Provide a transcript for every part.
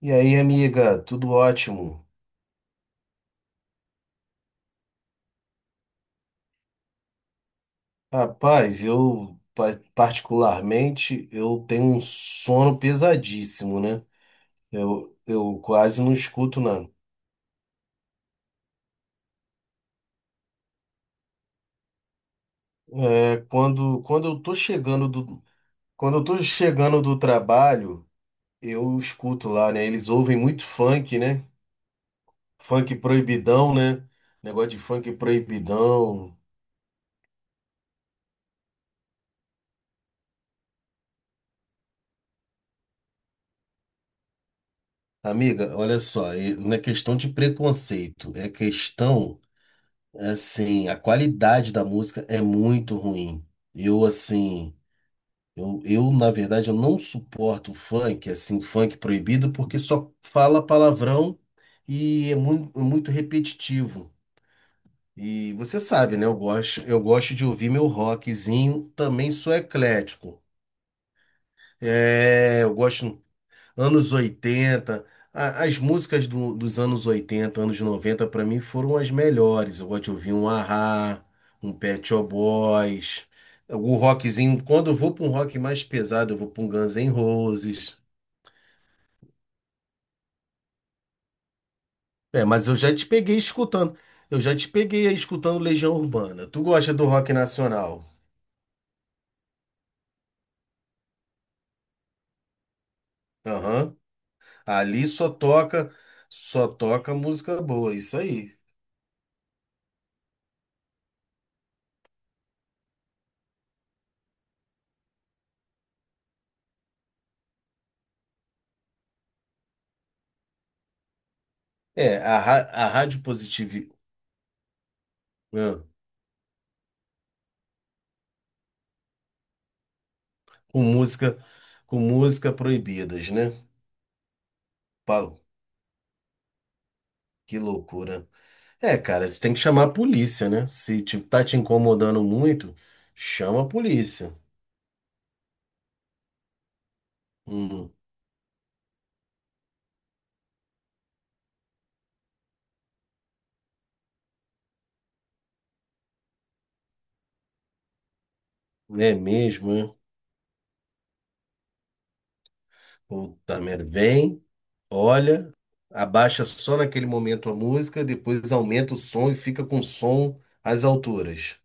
E aí, amiga, tudo ótimo? Rapaz, eu particularmente eu tenho um sono pesadíssimo, né? Eu quase não escuto nada. É, quando eu tô chegando do trabalho, eu escuto lá, né? Eles ouvem muito funk, né? Funk proibidão, né? Negócio de funk proibidão. Amiga, olha só, e não é questão de preconceito, é questão. Assim, a qualidade da música é muito ruim. Eu, assim, na verdade, eu não suporto funk, assim, funk proibido, porque só fala palavrão e é muito, muito repetitivo. E você sabe, né? Eu gosto de ouvir meu rockzinho, também sou eclético. É, eu gosto. Anos 80, as músicas dos anos 80, anos 90 para mim foram as melhores. Eu gosto de ouvir um Ahá, um Pet Shop Boys, o rockzinho. Quando eu vou para um rock mais pesado, eu vou para um Guns N' Roses. É, mas eu já te peguei escutando. Eu já te peguei aí escutando Legião Urbana. Tu gosta do rock nacional? Aham. Ali só toca música boa, isso aí. É, a Rádio Positivo. Com música, com música proibidas, né? Pau, que loucura. É, cara, você tem que chamar a polícia, né? Se te, tá te incomodando muito, chama a polícia. Hum, é mesmo, né? Puta merda. Vem, olha, abaixa só naquele momento a música, depois aumenta o som e fica com o som às alturas.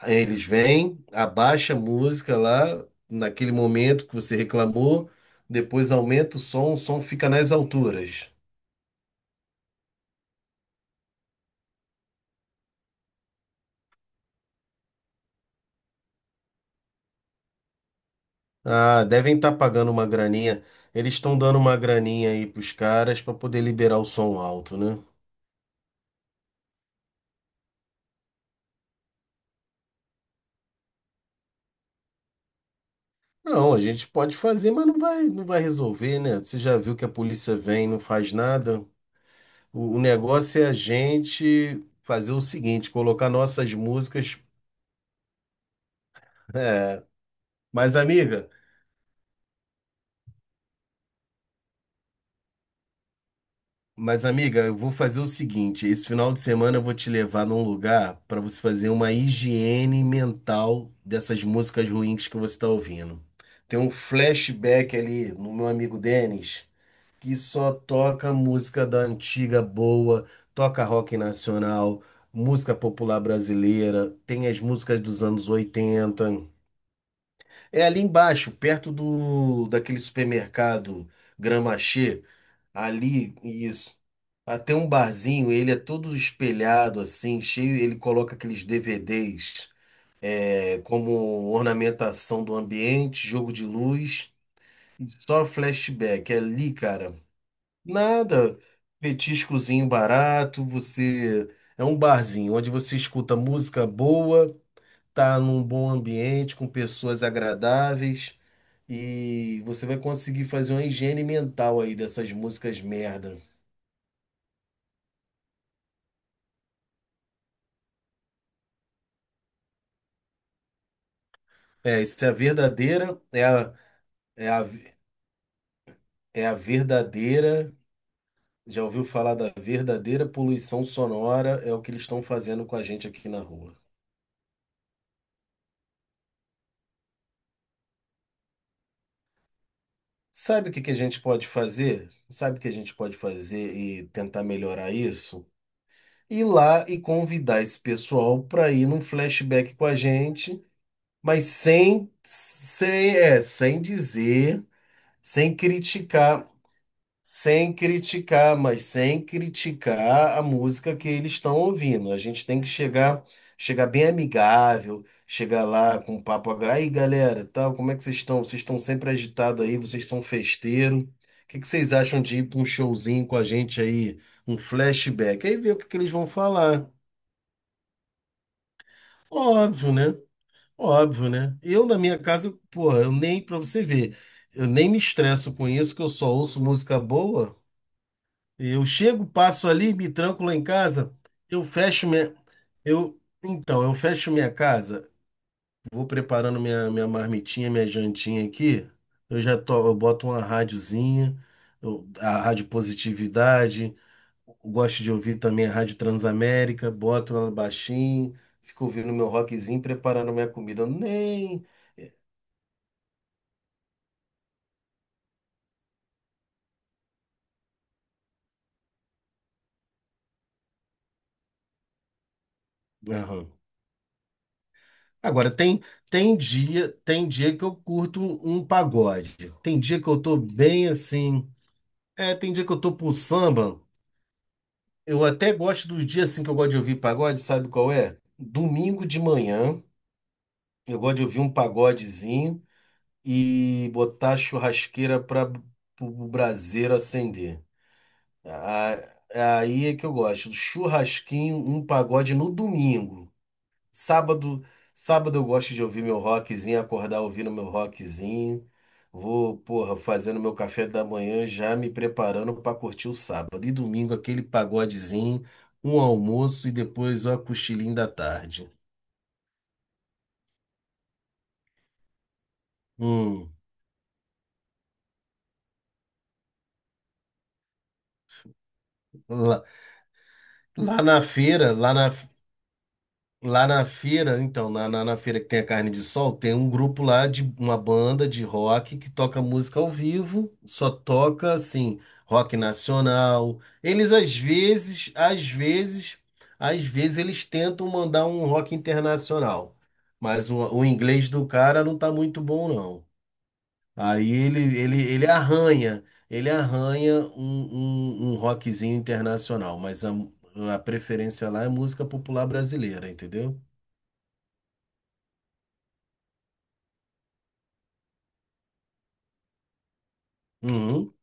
Aí eles vêm, abaixa a música lá, naquele momento que você reclamou, depois aumenta o som fica nas alturas. Ah, devem estar pagando uma graninha. Eles estão dando uma graninha aí pros caras para poder liberar o som alto, né? Não, a gente pode fazer, mas não vai resolver, né? Você já viu que a polícia vem e não faz nada? O negócio é a gente fazer o seguinte, colocar nossas músicas. É. Mas, amiga. Mas, amiga, eu vou fazer o seguinte: esse final de semana eu vou te levar num lugar para você fazer uma higiene mental dessas músicas ruins que você está ouvindo. Tem um flashback ali no meu amigo Denis, que só toca música da antiga boa, toca rock nacional, música popular brasileira, tem as músicas dos anos 80. É ali embaixo, perto do daquele supermercado Gramaxé. Ali, isso. Até um barzinho, ele é todo espelhado assim, cheio, ele coloca aqueles DVDs é, como ornamentação do ambiente, jogo de luz, e só flashback. É ali, cara, nada, petiscozinho barato, você é um barzinho onde você escuta música boa, tá num bom ambiente, com pessoas agradáveis e você vai conseguir fazer uma higiene mental aí dessas músicas merda. É, isso é a verdadeira, é a, é a, é a verdadeira. Já ouviu falar da verdadeira poluição sonora? É o que eles estão fazendo com a gente aqui na rua. Sabe o que que a gente pode fazer? Sabe o que a gente pode fazer e tentar melhorar isso? Ir lá e convidar esse pessoal para ir num flashback com a gente, mas sem dizer, sem criticar. Sem criticar, mas sem criticar a música que eles estão ouvindo. A gente tem que chegar, chegar bem amigável, chegar lá com um papo agra. Aí, galera, tal, como é que vocês estão? Vocês estão sempre agitados aí, vocês são festeiro. O que que vocês acham de ir para um showzinho com a gente aí, um flashback? Aí ver o que que eles vão falar. Óbvio, né? Óbvio, né? Eu na minha casa, porra, eu nem para você ver, eu nem me estresso com isso, que eu só ouço música boa. Eu chego, passo ali, me tranco lá em casa, eu fecho minha. Eu, então, eu fecho minha casa, vou preparando minha marmitinha, minha jantinha aqui. Eu já to, eu boto uma rádiozinha, a Rádio Positividade, eu gosto de ouvir também a Rádio Transamérica, boto ela baixinho, fico ouvindo meu rockzinho, preparando minha comida. Nem. Aham. Agora tem dia que eu curto um pagode. Tem dia que eu tô bem assim. É, tem dia que eu tô pro samba. Eu até gosto dos dias assim que eu gosto de ouvir pagode, sabe qual é? Domingo de manhã, eu gosto de ouvir um pagodezinho e botar a churrasqueira para o braseiro acender. A- Aí é que eu gosto, do churrasquinho, um pagode no domingo. Sábado, sábado eu gosto de ouvir meu rockzinho, acordar ouvindo meu rockzinho. Vou, porra, fazendo meu café da manhã, já me preparando para curtir o sábado. E domingo aquele pagodezinho, um almoço e depois ó, cochilinho da tarde. Hum, lá, lá na feira, lá na Lá na feira, então, na feira que tem a carne de sol, tem um grupo lá de uma banda de rock que toca música ao vivo, só toca assim, rock nacional. Eles às vezes, às vezes, Às vezes eles tentam mandar um rock internacional, mas o inglês do cara não tá muito bom, não. Aí ele arranha um rockzinho internacional, mas a preferência lá é música popular brasileira, entendeu? Uhum.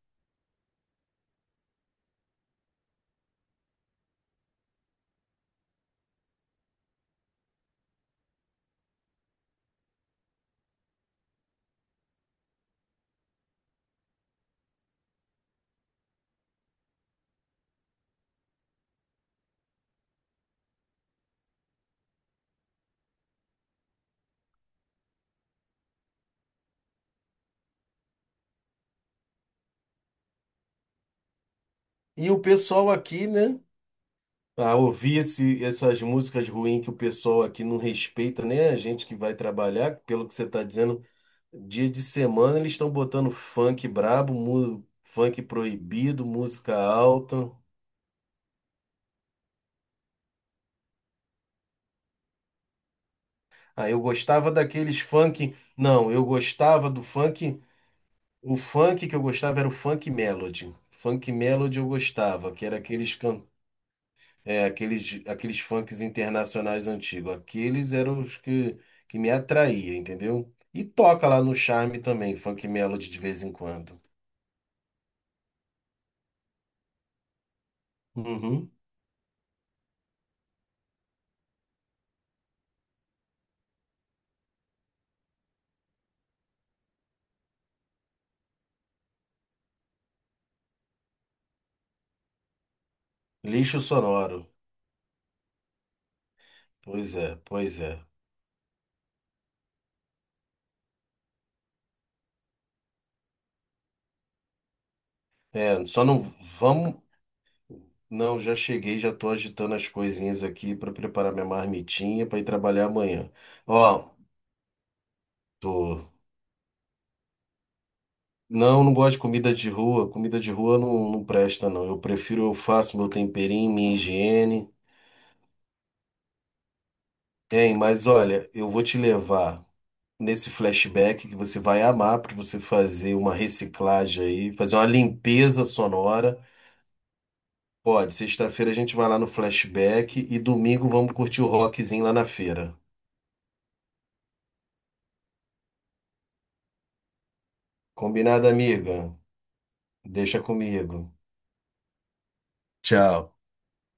E o pessoal aqui, né? A ouvir essas músicas ruins que o pessoal aqui não respeita, né? A gente que vai trabalhar, pelo que você está dizendo, dia de semana eles estão botando funk brabo, funk proibido, música alta. Ah, eu gostava daqueles funk. Não, eu gostava do funk. O funk que eu gostava era o funk melody. Funk melody eu gostava, que era aqueles can... É, aqueles funks internacionais antigos. Aqueles eram os que me atraía, entendeu? E toca lá no Charme também, funk melody de vez em quando. Uhum. Lixo sonoro. Pois é, pois é. É, só não vamos. Não, já cheguei, já tô agitando as coisinhas aqui para preparar minha marmitinha para ir trabalhar amanhã. Ó, tô. Não, não gosto de comida de rua. Comida de rua não, não presta, não. Eu prefiro, eu faço meu temperinho, minha higiene. Hein, mas olha, eu vou te levar nesse flashback que você vai amar para você fazer uma reciclagem aí, fazer uma limpeza sonora. Pode, sexta-feira a gente vai lá no flashback e domingo vamos curtir o rockzinho lá na feira. Combinado, amiga? Deixa comigo. Tchau.